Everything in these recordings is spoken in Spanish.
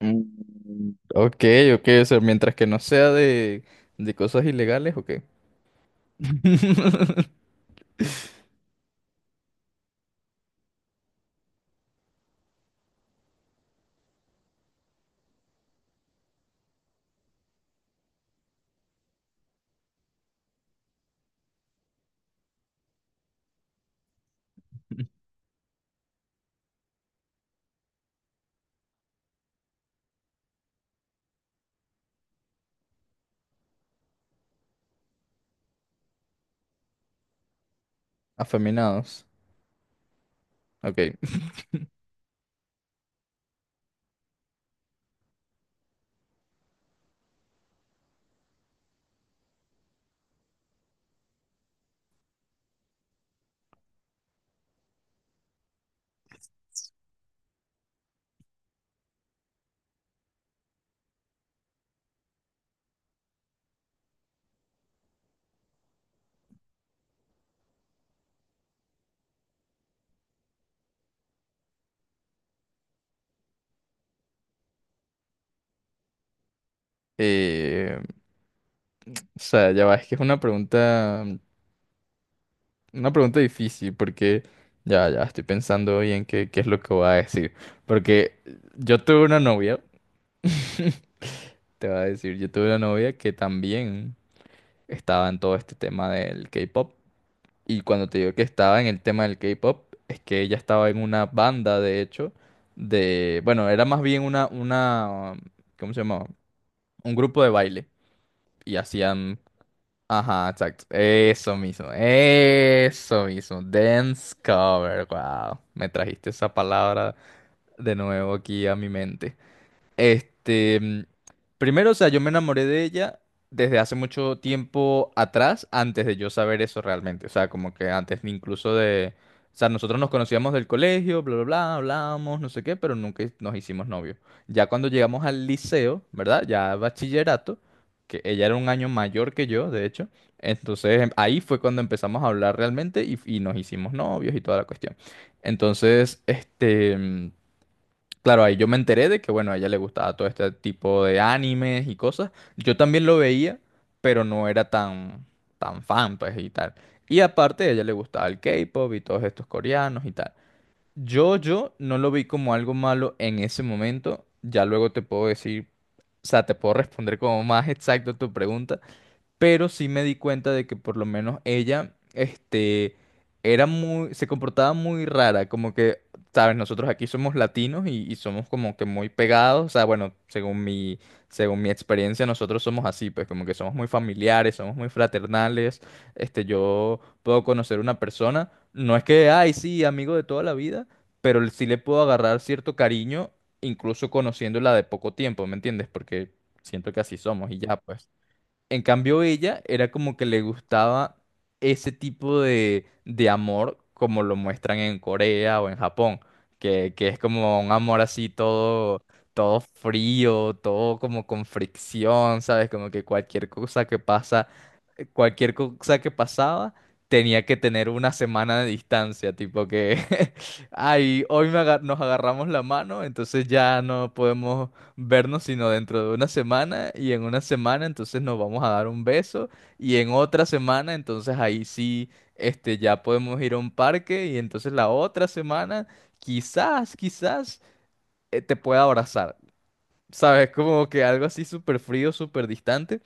Mm, Ok, ok, o sea, mientras que no sea de cosas ilegales, ok. Afeminados, ok. Eh, o sea, ya va, es que es una pregunta, difícil porque ya estoy pensando bien qué es lo que voy a decir. Porque yo tuve una novia, te voy a decir, yo tuve una novia que también estaba en todo este tema del K-pop. Y cuando te digo que estaba en el tema del K-pop, es que ella estaba en una banda, de hecho, bueno, era más bien una, ¿cómo se llamaba? Un grupo de baile. Y hacían, ajá, exacto, eso mismo, dance cover, wow, me trajiste esa palabra de nuevo aquí a mi mente. Este, primero, o sea, yo me enamoré de ella desde hace mucho tiempo atrás, antes de yo saber eso realmente. O sea, como que antes ni incluso de... O sea, nosotros nos conocíamos del colegio, bla, bla, bla, hablábamos, no sé qué, pero nunca nos hicimos novios. Ya cuando llegamos al liceo, ¿verdad? Ya bachillerato, que ella era un año mayor que yo, de hecho. Entonces, ahí fue cuando empezamos a hablar realmente y nos hicimos novios y toda la cuestión. Entonces, este, claro, ahí yo me enteré de que, bueno, a ella le gustaba todo este tipo de animes y cosas. Yo también lo veía, pero no era tan fan, pues, y tal. Y aparte, a ella le gustaba el K-pop y todos estos coreanos y tal. Yo no lo vi como algo malo en ese momento. Ya luego te puedo decir, o sea, te puedo responder como más exacto tu pregunta, pero sí me di cuenta de que por lo menos ella, este, se comportaba muy rara, como que, sabes, nosotros aquí somos latinos y somos como que muy pegados, o sea, bueno, según mi experiencia, nosotros somos así, pues como que somos muy familiares, somos muy fraternales, este, yo puedo conocer una persona, no es que, ay, sí, amigo de toda la vida, pero sí le puedo agarrar cierto cariño, incluso conociéndola de poco tiempo, ¿me entiendes? Porque siento que así somos y ya, pues. En cambio, ella era como que le gustaba ese tipo de amor como lo muestran en Corea o en Japón, que es como un amor así todo, todo frío, todo como con fricción, ¿sabes? Como que cualquier cosa que pasaba tenía que tener una semana de distancia, tipo que, ay, hoy nos agarramos la mano, entonces ya no podemos vernos sino dentro de una semana y en una semana entonces nos vamos a dar un beso y en otra semana entonces ahí sí este ya podemos ir a un parque y entonces la otra semana quizás te pueda abrazar, ¿sabes? Como que algo así súper frío, súper distante.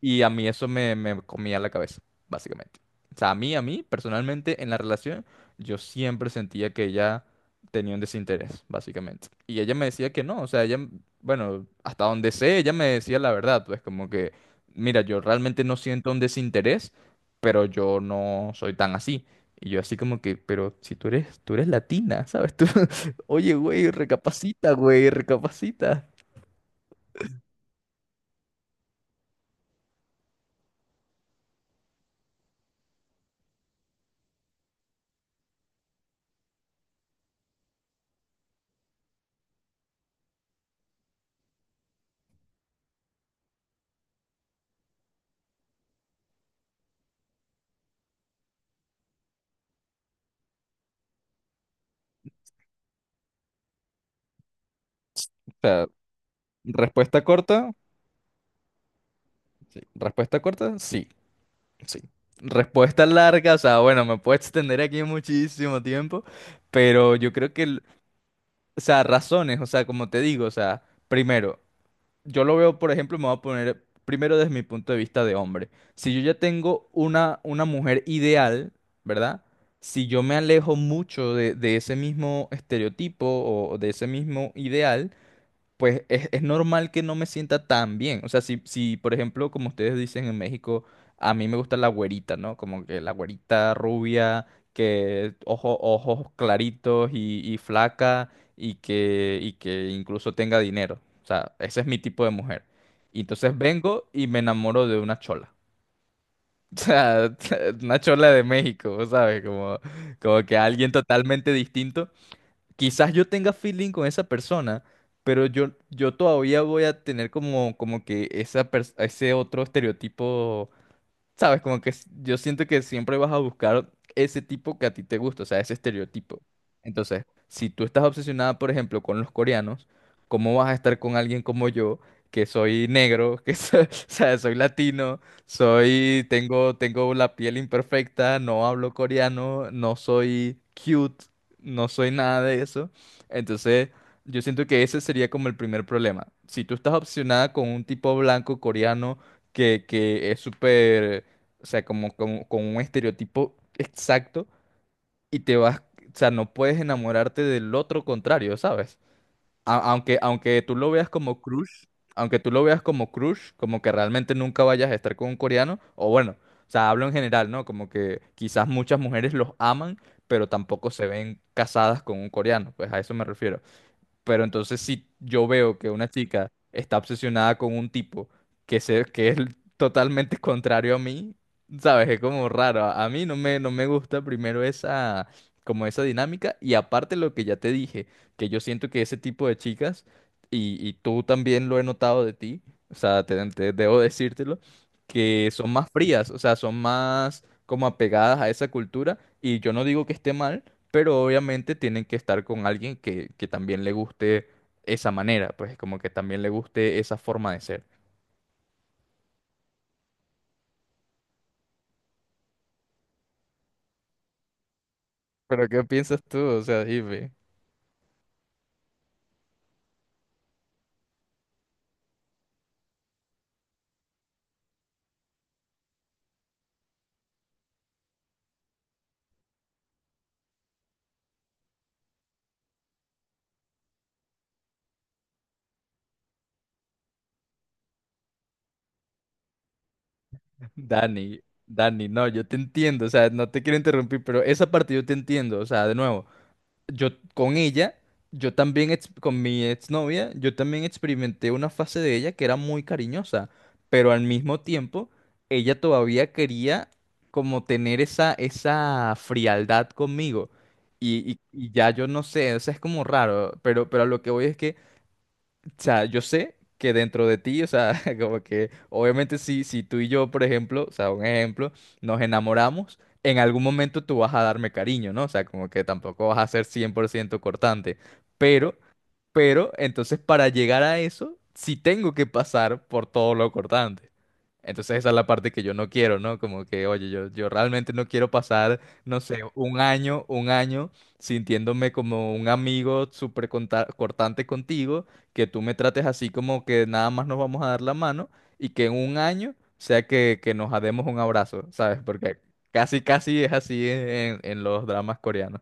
Y a mí eso me comía la cabeza, básicamente. O sea, a mí, personalmente, en la relación, yo siempre sentía que ella tenía un desinterés, básicamente. Y ella me decía que no, o sea, ella, bueno, hasta donde sé, ella me decía la verdad, pues como que, mira, yo realmente no siento un desinterés, pero yo no soy tan así. Y yo así como que, pero si tú eres latina, ¿sabes? Tú, oye, güey, recapacita, güey, recapacita. O sea, respuesta corta, sí. Respuesta corta, sí, sí. Respuesta larga, o sea, bueno, me puedo extender aquí muchísimo tiempo, pero yo creo que, o sea, razones, o sea, como te digo, o sea, primero, yo lo veo, por ejemplo, me voy a poner primero desde mi punto de vista de hombre. Si yo ya tengo una mujer ideal, ¿verdad? Si yo me alejo mucho de ese mismo estereotipo o de ese mismo ideal, pues es normal que no me sienta tan bien. O sea, si, por ejemplo, como ustedes dicen en México, a mí me gusta la güerita, ¿no? Como que la güerita rubia, que ojos claritos y flaca y que incluso tenga dinero. O sea, ese es mi tipo de mujer. Y entonces vengo y me enamoro de una chola. O sea, una chola de México, ¿sabes? Como que alguien totalmente distinto quizás yo tenga feeling con esa persona, pero yo todavía voy a tener como que ese otro estereotipo, sabes, como que yo siento que siempre vas a buscar ese tipo que a ti te gusta, o sea, ese estereotipo. Entonces, si tú estás obsesionada, por ejemplo, con los coreanos, ¿cómo vas a estar con alguien como yo, que soy negro, o sea, soy latino, tengo la piel imperfecta, no hablo coreano, no soy cute, no soy nada de eso? Entonces, yo siento que ese sería como el primer problema. Si tú estás obsesionada con un tipo blanco coreano que es súper o sea, como con un estereotipo exacto y te vas, o sea, no puedes enamorarte del otro contrario, ¿sabes? A- aunque, aunque tú lo veas como crush, aunque tú lo veas como crush, como que realmente nunca vayas a estar con un coreano, o bueno, o sea, hablo en general, ¿no? Como que quizás muchas mujeres los aman, pero tampoco se ven casadas con un coreano, pues a eso me refiero. Pero entonces si yo veo que una chica está obsesionada con un tipo que es totalmente contrario a mí, ¿sabes? Es como raro. A mí no me gusta primero esa, como esa dinámica. Y aparte lo que ya te dije, que yo siento que ese tipo de chicas, y tú también lo he notado de ti, o sea, debo decírtelo, que son más frías, o sea, son más como apegadas a esa cultura. Y yo no digo que esté mal, pero obviamente tienen que estar con alguien que también le guste esa manera, pues como que también le guste esa forma de ser. Pero ¿qué piensas tú? O sea, dime, Dani, Dani, no, yo te entiendo, o sea, no te quiero interrumpir, pero esa parte yo te entiendo, o sea, de nuevo. Yo con ella, yo también, con mi exnovia, yo también experimenté una fase de ella que era muy cariñosa, pero al mismo tiempo, ella todavía quería como tener esa frialdad conmigo. Y ya yo no sé, o sea, es como raro, pero a lo que voy es que o sea, yo sé que dentro de ti, o sea, como que obviamente si tú y yo, por ejemplo, o sea, un ejemplo, nos enamoramos, en algún momento tú vas a darme cariño, ¿no? O sea, como que tampoco vas a ser 100% cortante, pero pero entonces para llegar a eso, sí tengo que pasar por todo lo cortante. Entonces esa es la parte que yo no quiero, ¿no? Como que, oye, yo realmente no quiero pasar, no sé, un año sintiéndome como un amigo súper cortante contigo, que tú me trates así como que nada más nos vamos a dar la mano y que en un año sea que nos demos un abrazo, ¿sabes? Porque casi, casi es así en los dramas coreanos.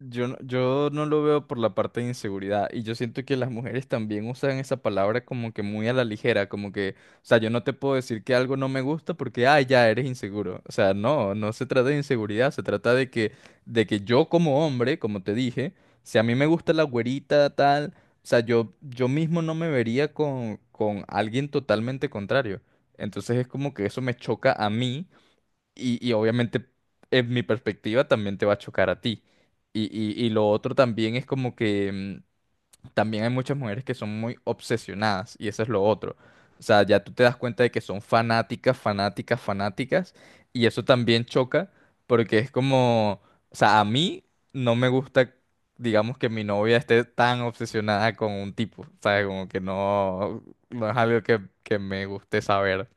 Yo no lo veo por la parte de inseguridad y yo siento que las mujeres también usan esa palabra como que muy a la ligera, como que, o sea, yo no te puedo decir que algo no me gusta porque, ah, ya eres inseguro. O sea, no, no se trata de inseguridad, se trata de que, yo como hombre, como te dije, si a mí me gusta la güerita tal, o sea, yo mismo no me vería con alguien totalmente contrario. Entonces es como que eso me choca a mí y obviamente en mi perspectiva también te va a chocar a ti. Y lo otro también es como que también hay muchas mujeres que son muy obsesionadas y eso es lo otro. O sea, ya tú te das cuenta de que son fanáticas, fanáticas, fanáticas y eso también choca porque es como, o sea, a mí no me gusta, digamos, que mi novia esté tan obsesionada con un tipo, ¿sabes? Como que no, no es algo que me guste saber.